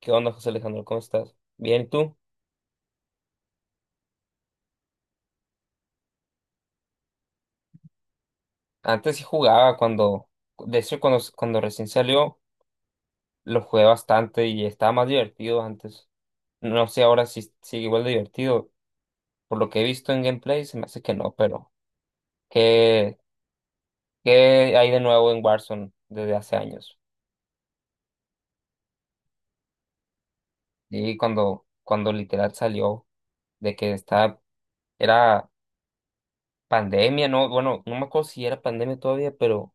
¿Qué onda, José Alejandro? ¿Cómo estás? Bien, ¿y tú? Antes sí jugaba cuando, de hecho, cuando recién salió, lo jugué bastante y estaba más divertido antes. No sé ahora si sigue igual de divertido. Por lo que he visto en gameplay, se me hace que no, pero ¿qué, ¿qué hay de nuevo en Warzone desde hace años? Y cuando literal salió de que estaba, era pandemia, ¿no? Bueno, no me acuerdo si era pandemia todavía, pero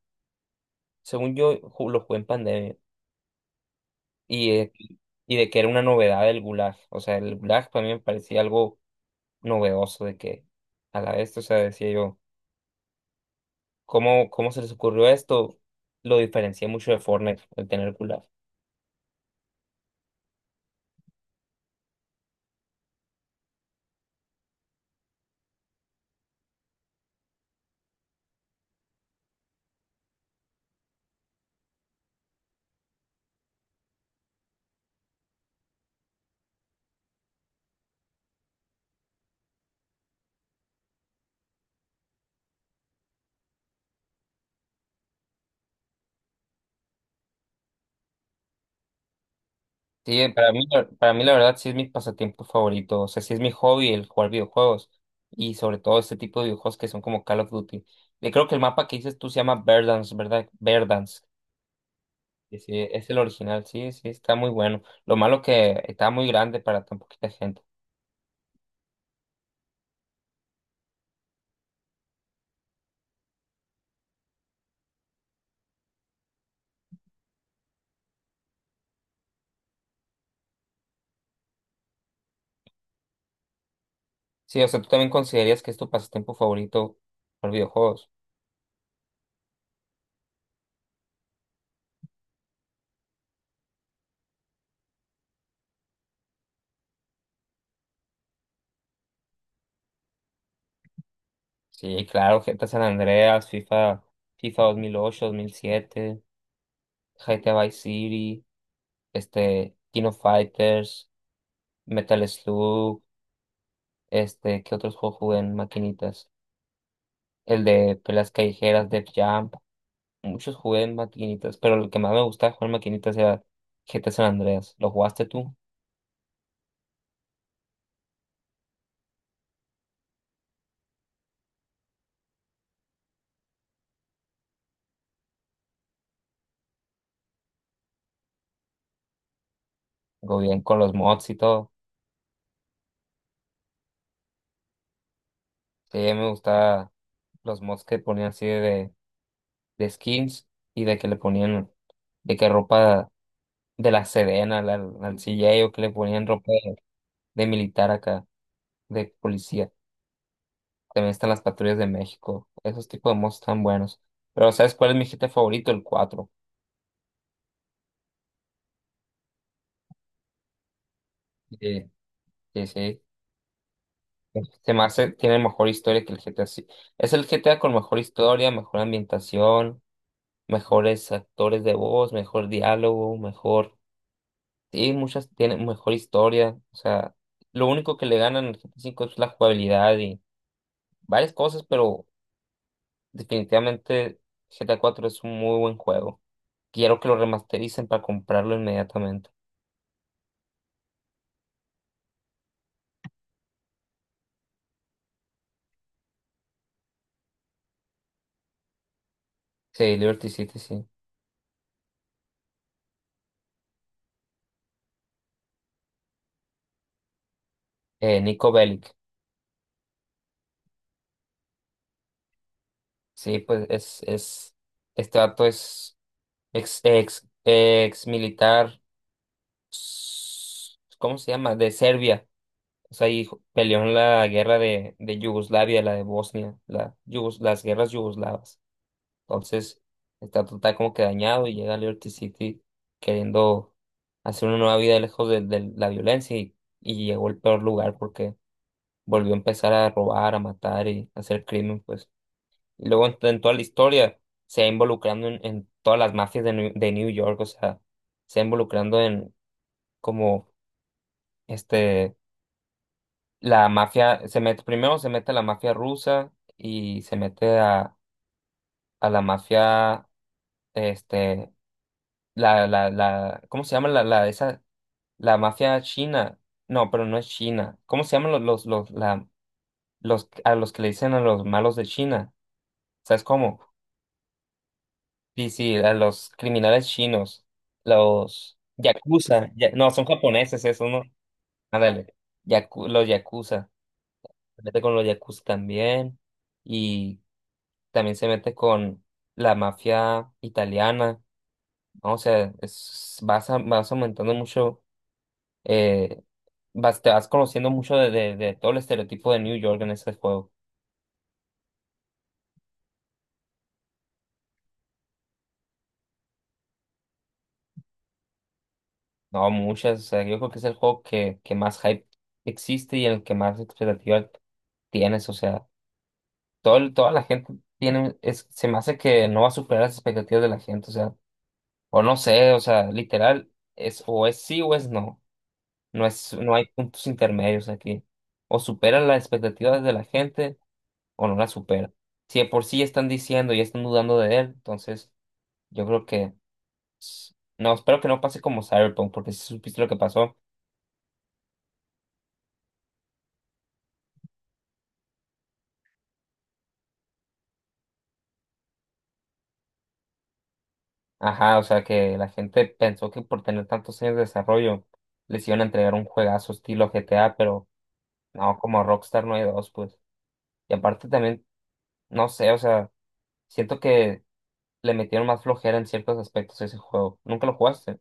según yo lo jugué en pandemia. y de, y de que era una novedad el gulag. O sea, el gulag para mí me parecía algo novedoso, de que a la vez, o sea, decía yo, ¿cómo se les ocurrió esto? Lo diferencia mucho de Fortnite, el tener gulag. Sí, para mí la verdad sí es mi pasatiempo favorito, o sea, sí es mi hobby el jugar videojuegos y sobre todo este tipo de videojuegos que son como Call of Duty. Y creo que el mapa que dices tú se llama Verdansk, ¿verdad? Verdansk. Sí, sí, es el original, sí, sí, está muy bueno. Lo malo que está muy grande para tan poquita gente. Sí, o sea, ¿tú también considerarías que es tu pasatiempo favorito por videojuegos? Sí, claro, GTA San Andreas, FIFA 2008, 2007, GTA Vice City, King of Fighters, Metal Slug, este, ¿qué otros juegos jugué en maquinitas? El de peleas callejeras, Def Jump, muchos jugué en maquinitas, pero el que más me gustaba jugar en maquinitas era GTA San Andreas. ¿Lo jugaste tú? Go bien con los mods y todo. Sí, me gustaba los mods que ponían así de skins y de que le ponían de que ropa de la Sedena al CJ o que le ponían ropa de militar acá, de policía. También están las patrullas de México, esos tipos de mods están buenos. Pero ¿sabes cuál es mi GTA favorito? El cuatro. Sí, sí, sí. Se me hace, tiene mejor historia que el GTA. Sí. Es el GTA con mejor historia, mejor ambientación, mejores actores de voz, mejor diálogo, mejor. Sí, muchas tienen mejor historia. O sea, lo único que le ganan al GTA V es la jugabilidad y varias cosas, pero definitivamente GTA cuatro es un muy buen juego. Quiero que lo remastericen para comprarlo inmediatamente. Sí, Liberty City, sí. Nico Bellic. Sí, este dato es ex militar. ¿Cómo se llama? De Serbia. O sea, y peleó en la guerra de Yugoslavia, la de Bosnia, las guerras yugoslavas. Entonces, está total como que dañado y llega a Liberty City queriendo hacer una nueva vida lejos de la violencia y llegó al peor lugar porque volvió a empezar a robar, a matar y a hacer crimen, pues. Y luego en toda la historia se va involucrando en todas las mafias de de New York, o sea, se va involucrando en como este. La mafia se mete, primero se mete la mafia rusa y se mete a la mafia, este, ¿cómo se llama esa, la mafia china? No, pero no es China. ¿Cómo se llaman los, los, la, a los que le dicen a los malos de China? ¿Sabes cómo? Sí, sí, a los criminales chinos, no, son japoneses esos, ¿no? Ándale, los yakuza, se mete con los yakuza también y también se mete con la mafia italiana, ¿no? O sea, vas aumentando mucho, eh, vas, te vas conociendo mucho de todo el estereotipo de New York en ese juego. No, muchas, o sea, yo creo que es el juego que más hype existe y en el que más expectativa tienes, o sea, toda la gente tiene, es, se me hace que no va a superar las expectativas de la gente, o sea, o no sé, o sea, literal, es o es sí o es no. No hay puntos intermedios aquí. O supera las expectativas de la gente o no las supera. Si de por sí ya están diciendo y están dudando de él, entonces yo creo que no, espero que no pase como Cyberpunk, porque si supiste lo que pasó, ajá, o sea que la gente pensó que por tener tantos años de desarrollo les iban a entregar un juegazo estilo GTA, pero no, como Rockstar no hay dos, pues. Y aparte también, no sé, o sea, siento que le metieron más flojera en ciertos aspectos a ese juego. ¿Nunca lo jugaste?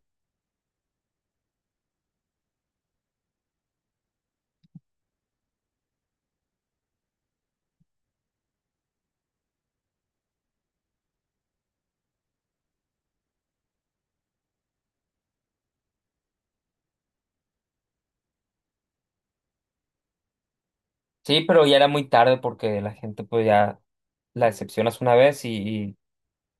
Sí, pero ya era muy tarde porque la gente pues ya la decepcionas una vez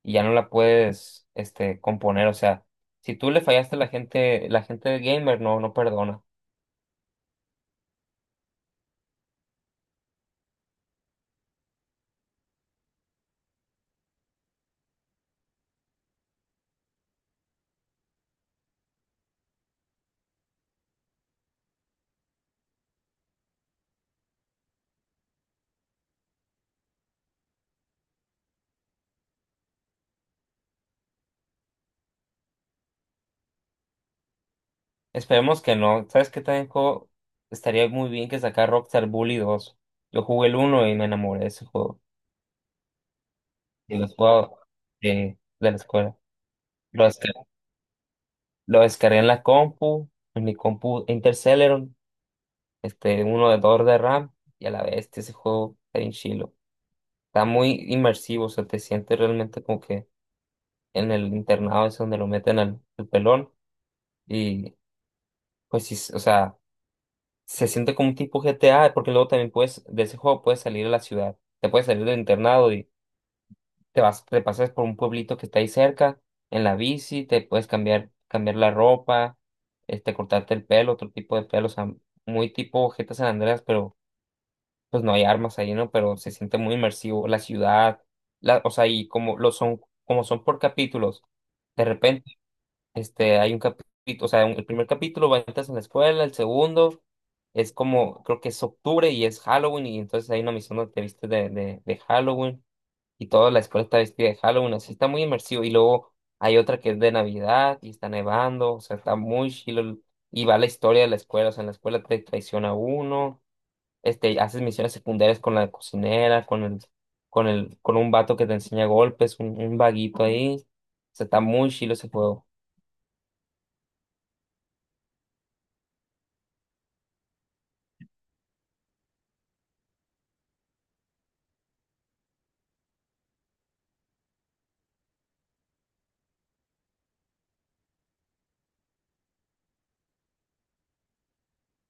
y ya no la puedes este componer. O sea, si tú le fallaste a la gente de gamer no, no perdona. Esperemos que no. ¿Sabes qué también juego? Estaría muy bien que sacar Rockstar Bully 2. Yo jugué el uno y me enamoré de ese juego. Y lo he de la escuela. Lo descargué, lo descargué en la compu, en mi compu Interceleron, este, uno de 2 de RAM, y a la bestia ese juego está bien chilo. Está muy inmersivo, o sea, te sientes realmente como que en el internado es donde lo meten al pelón y pues sí, o sea, se siente como un tipo GTA porque luego también puedes, de ese juego puedes salir a la ciudad, te puedes salir del internado y te pasas por un pueblito que está ahí cerca en la bici, te puedes cambiar, cambiar la ropa, este, cortarte el pelo, otro tipo de pelo, o sea, muy tipo GTA San Andreas, pero pues no hay armas ahí, ¿no? Pero se siente muy inmersivo la ciudad, la, o sea, y como lo son, como son por capítulos, de repente, este, hay un capítulo, el primer capítulo va entras en la escuela, el segundo es como, creo que es octubre y es Halloween, y entonces hay una misión donde te viste de Halloween, y toda la escuela está vestida de Halloween, así está muy inmersivo, y luego hay otra que es de Navidad, y está nevando, o sea, está muy chilo, el- y va la historia de la escuela, o sea, en la escuela te traiciona uno, este, haces misiones secundarias con la cocinera, con el, con un vato que te enseña golpes, un vaguito ahí. O sea, está muy chilo ese juego.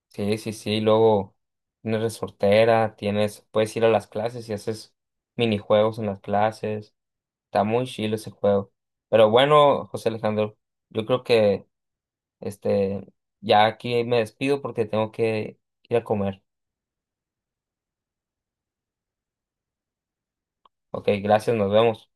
Sí, sí, sí. Luego tienes resortera, tienes, puedes ir a las clases y haces minijuegos en las clases. Está muy chilo ese juego. Pero bueno, José Alejandro, yo creo que este ya aquí me despido porque tengo que ir a comer. Ok, gracias, nos vemos.